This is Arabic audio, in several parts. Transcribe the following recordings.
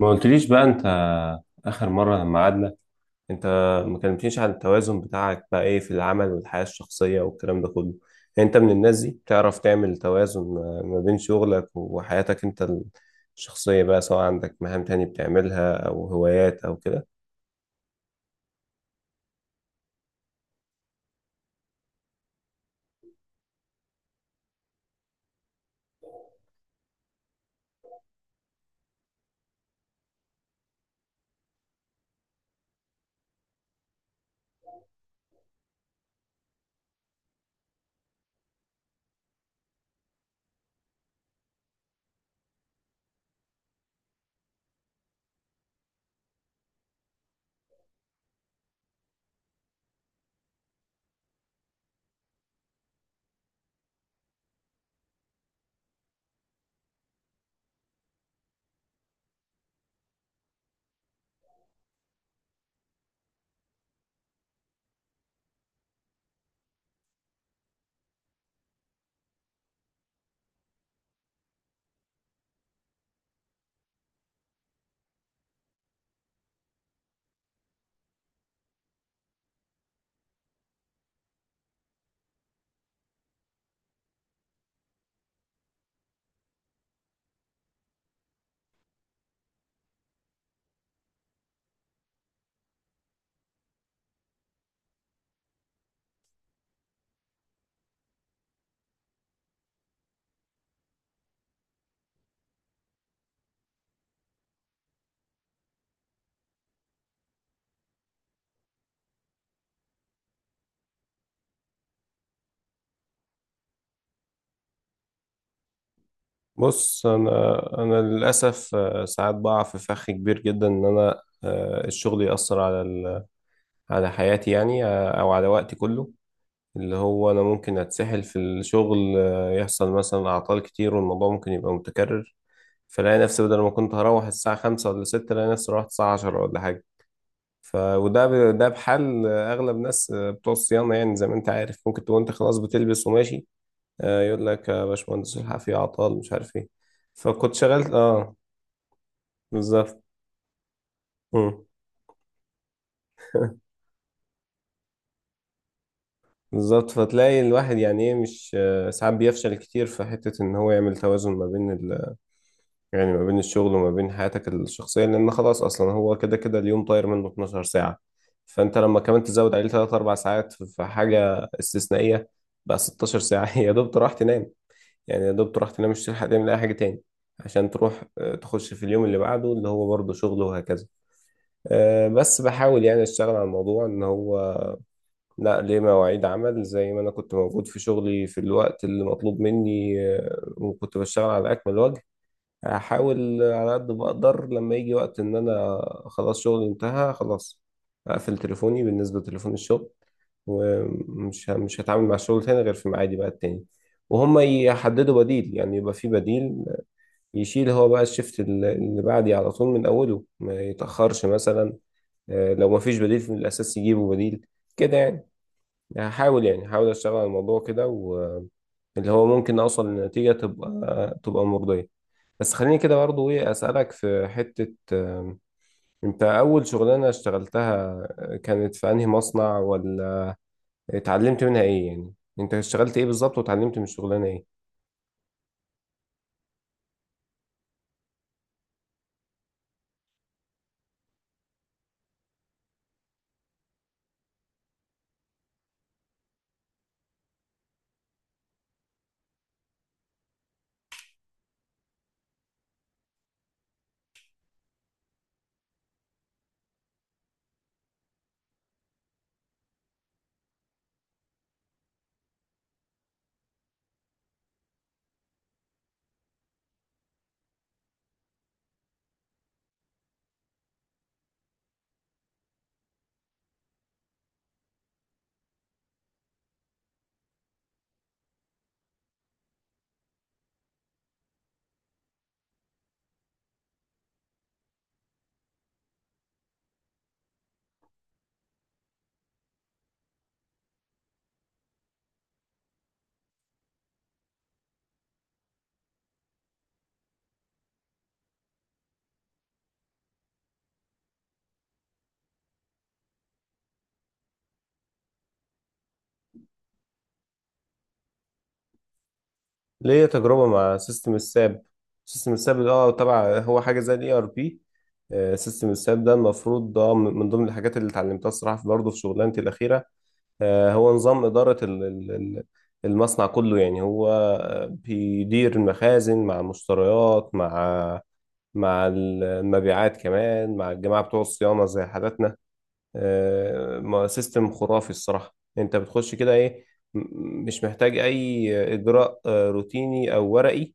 ما قلتليش بقى انت، اخر مره لما قعدنا، انت ما كلمتنيش عن التوازن بتاعك، بقى ايه في العمل والحياه الشخصيه والكلام ده كله؟ يعني انت من الناس دي بتعرف تعمل توازن ما بين شغلك وحياتك انت الشخصيه بقى، سواء عندك مهام تانية بتعملها او هوايات او كده؟ بص، انا للاسف ساعات بقع في فخ كبير جدا ان انا، الشغل يأثر على حياتي يعني، او على وقتي كله. اللي هو أنا ممكن أتسحل في الشغل، يحصل مثلا أعطال كتير والموضوع ممكن يبقى متكرر، فلاقي نفسي بدل ما كنت هروح الساعة خمسة ولا ستة، لاقي نفسي روحت الساعة عشرة ولا حاجة. ف ده بحال أغلب ناس، بتوع الصيانة يعني. زي ما أنت عارف ممكن تكون أنت خلاص بتلبس وماشي، يقول لك يا باشمهندس الحق في أعطال مش عارف إيه. فكنت شغلت بالظبط. مم. بالظبط. فتلاقي الواحد يعني ايه، مش ساعات بيفشل كتير في حتة ان هو يعمل توازن ما بين، يعني ما بين الشغل وما بين حياتك الشخصية، لأن خلاص أصلا هو كده كده اليوم طاير منه 12 ساعة، فأنت لما كمان تزود عليه 3 4 ساعات في حاجة استثنائية بقى 16 ساعة. يا دوب تروح تنام. يعني يا دوب تروح تنام مش تلحق تعمل أي حاجة تاني عشان تروح تخش في اليوم اللي بعده اللي هو برضه شغل وهكذا. بس بحاول يعني أشتغل على الموضوع إن هو، لا، ليه مواعيد عمل. زي ما أنا كنت موجود في شغلي في الوقت اللي مطلوب مني، وكنت بشتغل على أكمل وجه، احاول على قد ما اقدر لما يجي وقت ان انا خلاص شغلي انتهى خلاص، اقفل تليفوني بالنسبه لتليفون الشغل، ومش ه- مش هتعامل مع الشغل تاني غير في ميعادي بقى التاني. وهم يحددوا بديل، يعني يبقى في بديل يشيل هو بقى الشفت اللي بعدي على طول من اوله، ما يتاخرش مثلا. لو ما فيش بديل في الاساس يجيبوا بديل، كده يعني. هحاول اشتغل على الموضوع كده، واللي هو ممكن اوصل لنتيجه تبقى مرضيه. بس خليني كده برضه ايه، اسالك في حته، انت اول شغلانه اشتغلتها، كانت في انهي مصنع ولا اتعلمت منها ايه يعني؟ انت اشتغلت ايه بالظبط، واتعلمت من الشغلانه ايه؟ ليا تجربه مع سيستم الساب. سيستم الساب ده، اه، طبعا هو حاجه زي الاي ار بي. سيستم الساب ده المفروض ده من ضمن الحاجات اللي اتعلمتها الصراحه برضه في شغلانتي الاخيره. هو نظام اداره المصنع كله يعني. هو بيدير المخازن مع المشتريات، مع المبيعات كمان، مع الجماعة بتوع الصيانة زي حالاتنا. سيستم خرافي الصراحة. انت بتخش كده ايه، مش محتاج اي اجراء روتيني او ورقي.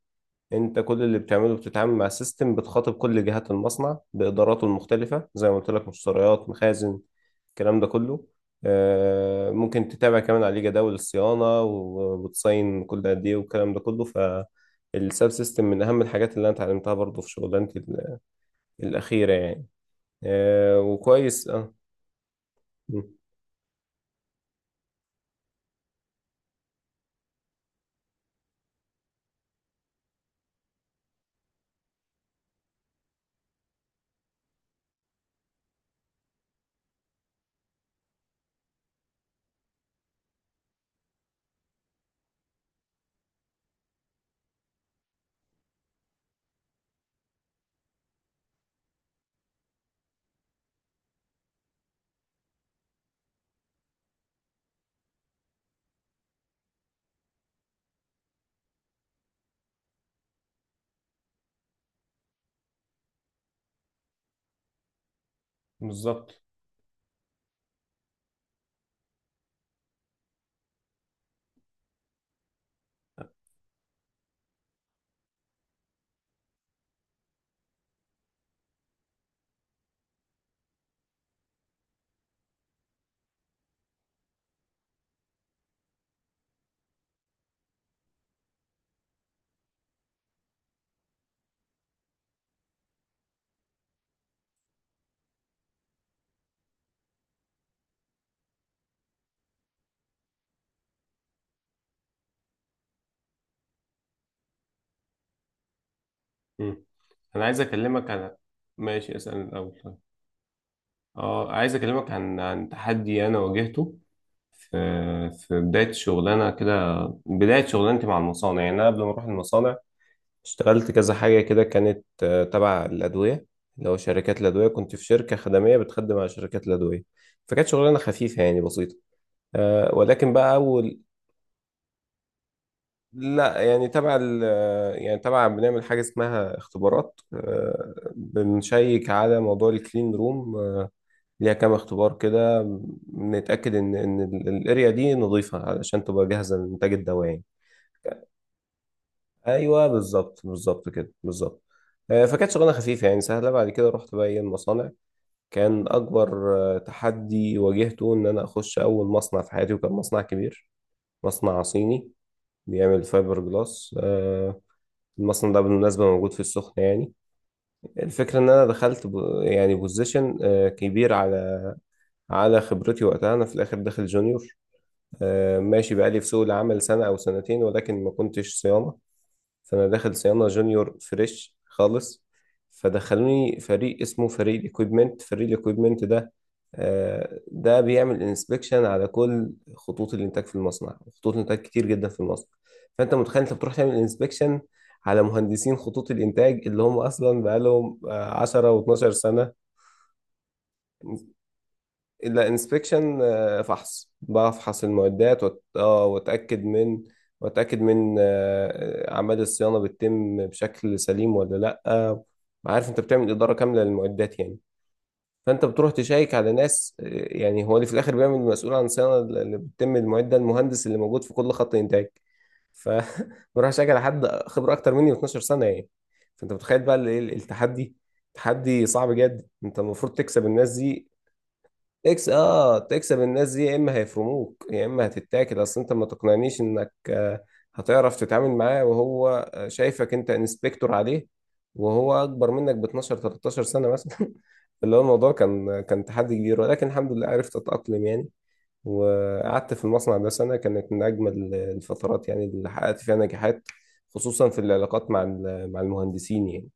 انت كل اللي بتعمله بتتعامل مع سيستم، بتخاطب كل جهات المصنع باداراته المختلفة زي ما قلت لك، مشتريات، مخازن، الكلام ده كله. ممكن تتابع كمان عليه جداول الصيانة، وبتصين كل قد ايه والكلام ده كله. فالساب سيستم من أهم الحاجات اللي أنا اتعلمتها برضه في شغلانتي الأخيرة يعني. آه وكويس. اه. م. بالظبط. م. أنا عايز أكلمك عن، ماشي، أسأل الأول طيب. اه، عايز أكلمك عن، عن تحدي أنا واجهته في، في بداية شغلانة كده، بداية شغلانتي مع المصانع. يعني أنا قبل ما أروح المصانع اشتغلت كذا حاجة كده، كانت تبع الأدوية، اللي هو شركات الأدوية. كنت في شركة خدمية بتخدم على شركات الأدوية، فكانت شغلانة خفيفة يعني بسيطة. ولكن بقى، أول، لا يعني تبع ال يعني تبع بنعمل حاجة اسمها اختبارات، بنشيك على موضوع الكلين روم. ليها كام اختبار كده، بنتأكد ان الاريا دي نظيفة علشان تبقى جاهزة للإنتاج الدواعي. ايوه بالظبط، بالظبط كده، بالظبط. فكانت شغلانه خفيفه يعني سهله. بعد كده رحت بقى ايه المصانع، كان اكبر تحدي واجهته ان انا اخش اول مصنع في حياتي، وكان مصنع كبير، مصنع صيني بيعمل فايبر جلاس. المصنع ده بالمناسبة موجود في السخنة يعني. الفكرة إن أنا دخلت يعني بوزيشن كبير على خبرتي وقتها. أنا في الآخر داخل جونيور، ماشي بقالي في سوق العمل سنة أو سنتين، ولكن ما كنتش صيانة. فانا داخل صيانه جونيور فريش خالص، فدخلوني فريق اسمه فريق الاكويبمنت. فريق الاكويبمنت ده، ده بيعمل انسبكشن على كل خطوط الانتاج في المصنع، خطوط الانتاج كتير جدا في المصنع. فانت متخيل انت بتروح تعمل انسبكشن على مهندسين خطوط الانتاج اللي هم اصلا بقالهم 10 و12 سنه. لا، انسبكشن فحص، بفحص المعدات وأت... آه، واتاكد من اعمال الصيانه بتتم بشكل سليم ولا لا. عارف انت بتعمل اداره كامله للمعدات يعني. فانت بتروح تشيك على ناس، يعني هو اللي في الاخر بيعمل مسؤول عن الصيانه اللي بتتم المعده، المهندس اللي موجود في كل خط انتاج. ف بروح اشيك على حد خبره اكتر مني ب 12 سنه يعني. فانت متخيل بقى التحدي، تحدي صعب جدا، انت المفروض تكسب الناس دي. تكسب الناس دي، يا اما هيفرموك يا اما هتتاكل. اصل انت ما تقنعنيش انك هتعرف تتعامل معاه، وهو شايفك انت انسبكتور عليه، وهو اكبر منك ب 12 13 سنه مثلا. اللي هو الموضوع كان تحدي كبير، ولكن الحمد لله عرفت اتاقلم يعني. وقعدت في المصنع ده سنه، كانت من اجمل الفترات يعني اللي حققت فيها نجاحات، خصوصا في العلاقات مع مع المهندسين يعني.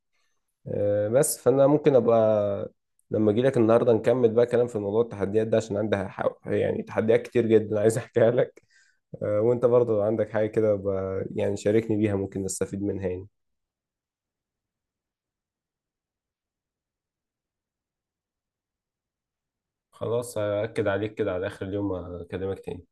بس، فانا ممكن ابقى لما اجي لك النهارده نكمل بقى كلام في موضوع التحديات ده، عشان عندها يعني تحديات كتير جدا عايز احكيها لك. وانت برضه لو عندك حاجه كده ابقى يعني شاركني بيها، ممكن نستفيد منها يعني. خلاص هأكد عليك كده على آخر اليوم، أكلمك تاني.